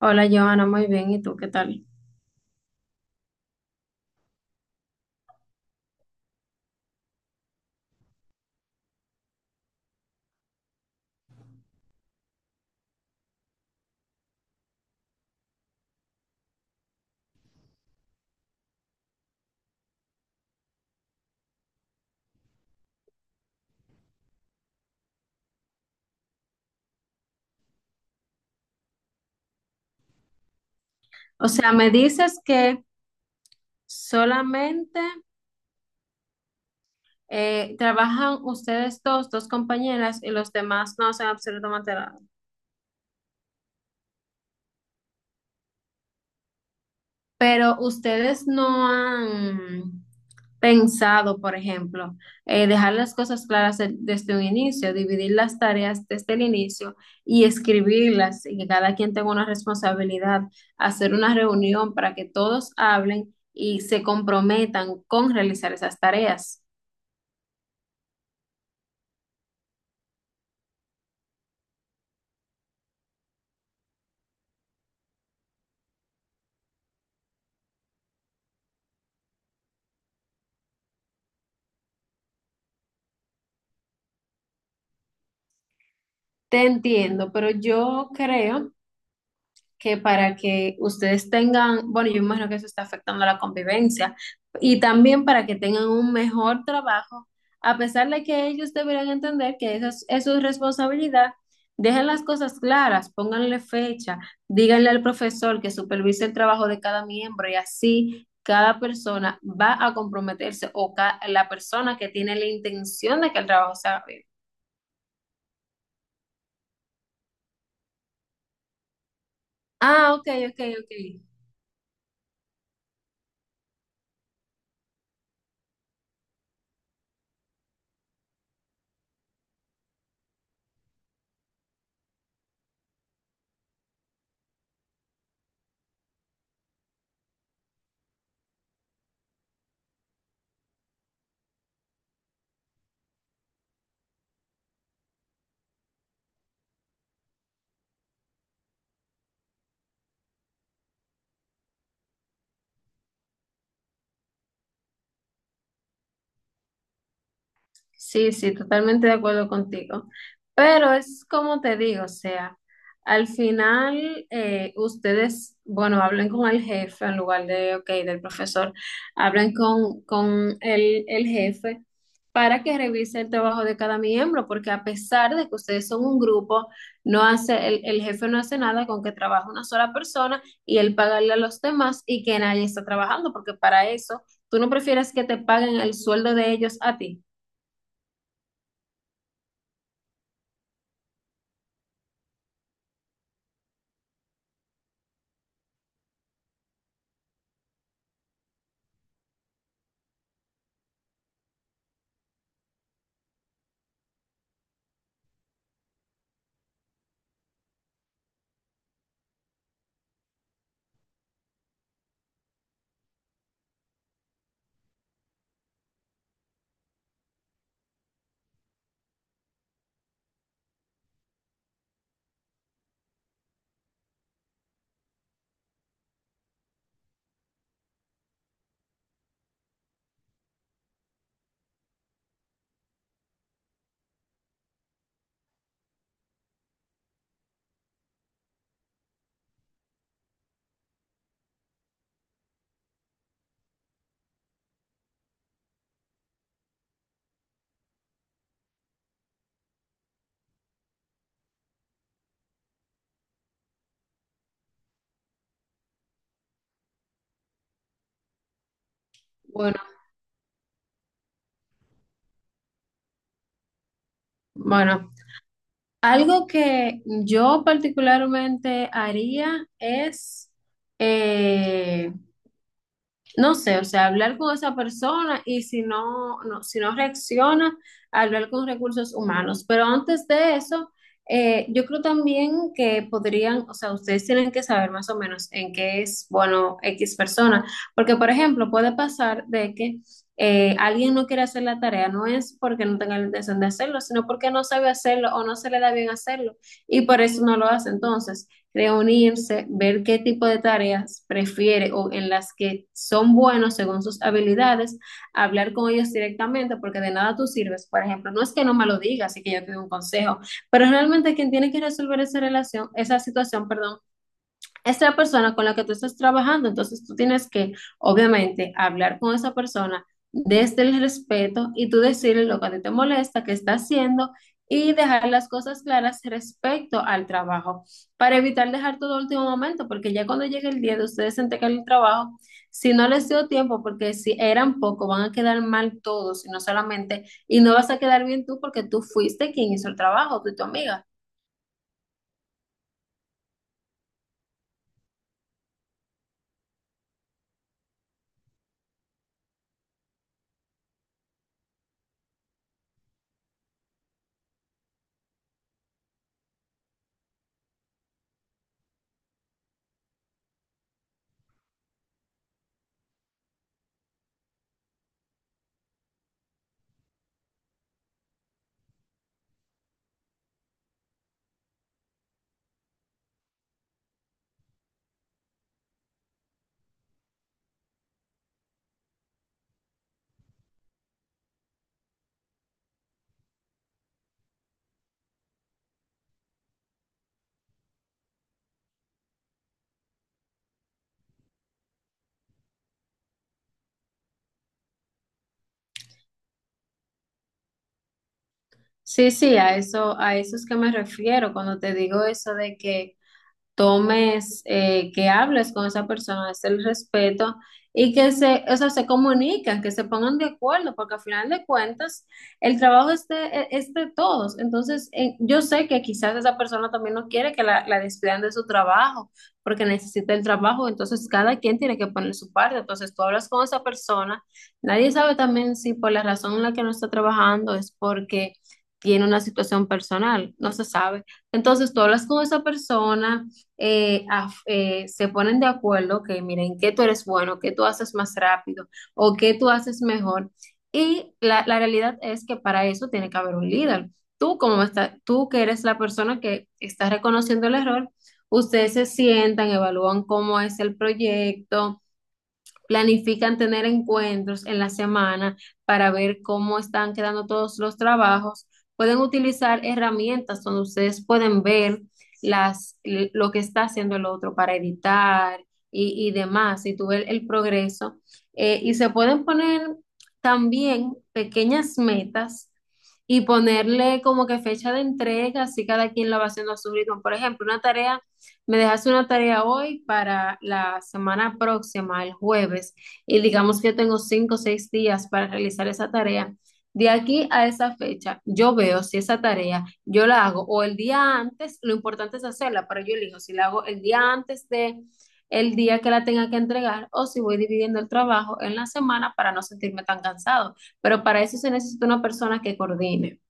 Hola, Johanna, muy bien. ¿Y tú qué tal? O sea, me dices que solamente trabajan ustedes dos, dos compañeras, y los demás no hacen absolutamente nada. Pero ustedes no han pensado, por ejemplo, dejar las cosas claras desde un inicio, dividir las tareas desde el inicio y escribirlas, y que cada quien tenga una responsabilidad, hacer una reunión para que todos hablen y se comprometan con realizar esas tareas. Te entiendo, pero yo creo que para que ustedes tengan, bueno, yo imagino que eso está afectando la convivencia y también para que tengan un mejor trabajo, a pesar de que ellos deberían entender que eso es responsabilidad, dejen las cosas claras, pónganle fecha, díganle al profesor que supervise el trabajo de cada miembro y así cada persona va a comprometerse o la persona que tiene la intención de que el trabajo sea bien. Ah, ok, ok, ok. Sí, sí, totalmente de acuerdo contigo. Pero es como te digo, o sea, al final ustedes, bueno, hablen con el jefe en lugar de, ok, del profesor, hablen con el jefe para que revise el trabajo de cada miembro, porque a pesar de que ustedes son un grupo, no hace, el jefe no hace nada con que trabaje una sola persona y él pagarle a los demás y que nadie está trabajando, porque para eso, tú no prefieres que te paguen el sueldo de ellos a ti. Bueno, algo que yo particularmente haría es, eh, no sé, o sea, hablar con esa persona y si no reacciona, hablar con recursos humanos. Pero antes de eso, yo creo también que podrían, o sea, ustedes tienen que saber más o menos en qué es bueno X persona. Porque, por ejemplo, puede pasar de que alguien no quiere hacer la tarea, no es porque no tenga la intención de hacerlo, sino porque no sabe hacerlo o no se le da bien hacerlo y por eso no lo hace. Entonces, reunirse, ver qué tipo de tareas prefiere o en las que son buenos según sus habilidades, hablar con ellos directamente, porque de nada tú sirves. Por ejemplo, no es que no me lo digas y que yo te dé un consejo, pero realmente quien tiene que resolver esa relación, esa situación, perdón, es la persona con la que tú estás trabajando, entonces tú tienes que, obviamente, hablar con esa persona desde el respeto y tú decirle lo que a ti te molesta, qué está haciendo y dejar las cosas claras respecto al trabajo para evitar dejar todo el último momento, porque ya cuando llegue el día de ustedes entregar el trabajo, si no les dio tiempo, porque si eran poco, van a quedar mal todos y no solamente, y no vas a quedar bien tú porque tú fuiste quien hizo el trabajo, tú y tu amiga. Sí, sí, a eso es que me refiero cuando te digo eso de que tomes, que hables con esa persona, es el respeto y que se, o sea, se comuniquen, que se pongan de acuerdo, porque al final de cuentas el trabajo es de todos. Entonces, yo sé que quizás esa persona también no quiere que la despidan de su trabajo, porque necesita el trabajo, entonces cada quien tiene que poner su parte. Entonces, tú hablas con esa persona, nadie sabe también si por la razón en la que no está trabajando es porque tiene una situación personal, no se sabe. Entonces, tú hablas con esa persona se ponen de acuerdo que miren que tú eres bueno, que tú haces más rápido o que tú haces mejor. Y la realidad es que para eso tiene que haber un líder. Tú, como está, tú que eres la persona que está reconociendo el error, ustedes se sientan, evalúan cómo es el proyecto. Planifican tener encuentros en la semana para ver cómo están quedando todos los trabajos. Pueden utilizar herramientas donde ustedes pueden ver las, lo que está haciendo el otro para editar y demás, y tú ver el progreso. Y se pueden poner también pequeñas metas y ponerle como que fecha de entrega, así cada quien la va haciendo a su ritmo. Por ejemplo, una tarea me dejas una tarea hoy para la semana próxima, el jueves, y digamos que yo tengo 5 o 6 días para realizar esa tarea. De aquí a esa fecha, yo veo si esa tarea yo la hago o el día antes, lo importante es hacerla, pero yo elijo si la hago el día antes de el día que la tenga que entregar o si voy dividiendo el trabajo en la semana para no sentirme tan cansado. Pero para eso se necesita una persona que coordine.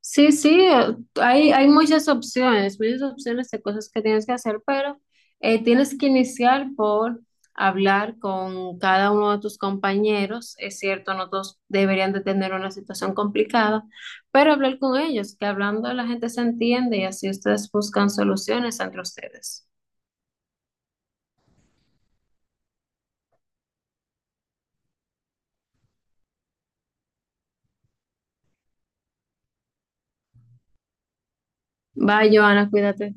Sí, sí, hay, hay muchas opciones de cosas que tienes que hacer, pero tienes que iniciar por hablar con cada uno de tus compañeros. Es cierto, no todos deberían de tener una situación complicada, pero hablar con ellos, que hablando la gente se entiende y así ustedes buscan soluciones entre ustedes. Bye, Joana, cuídate.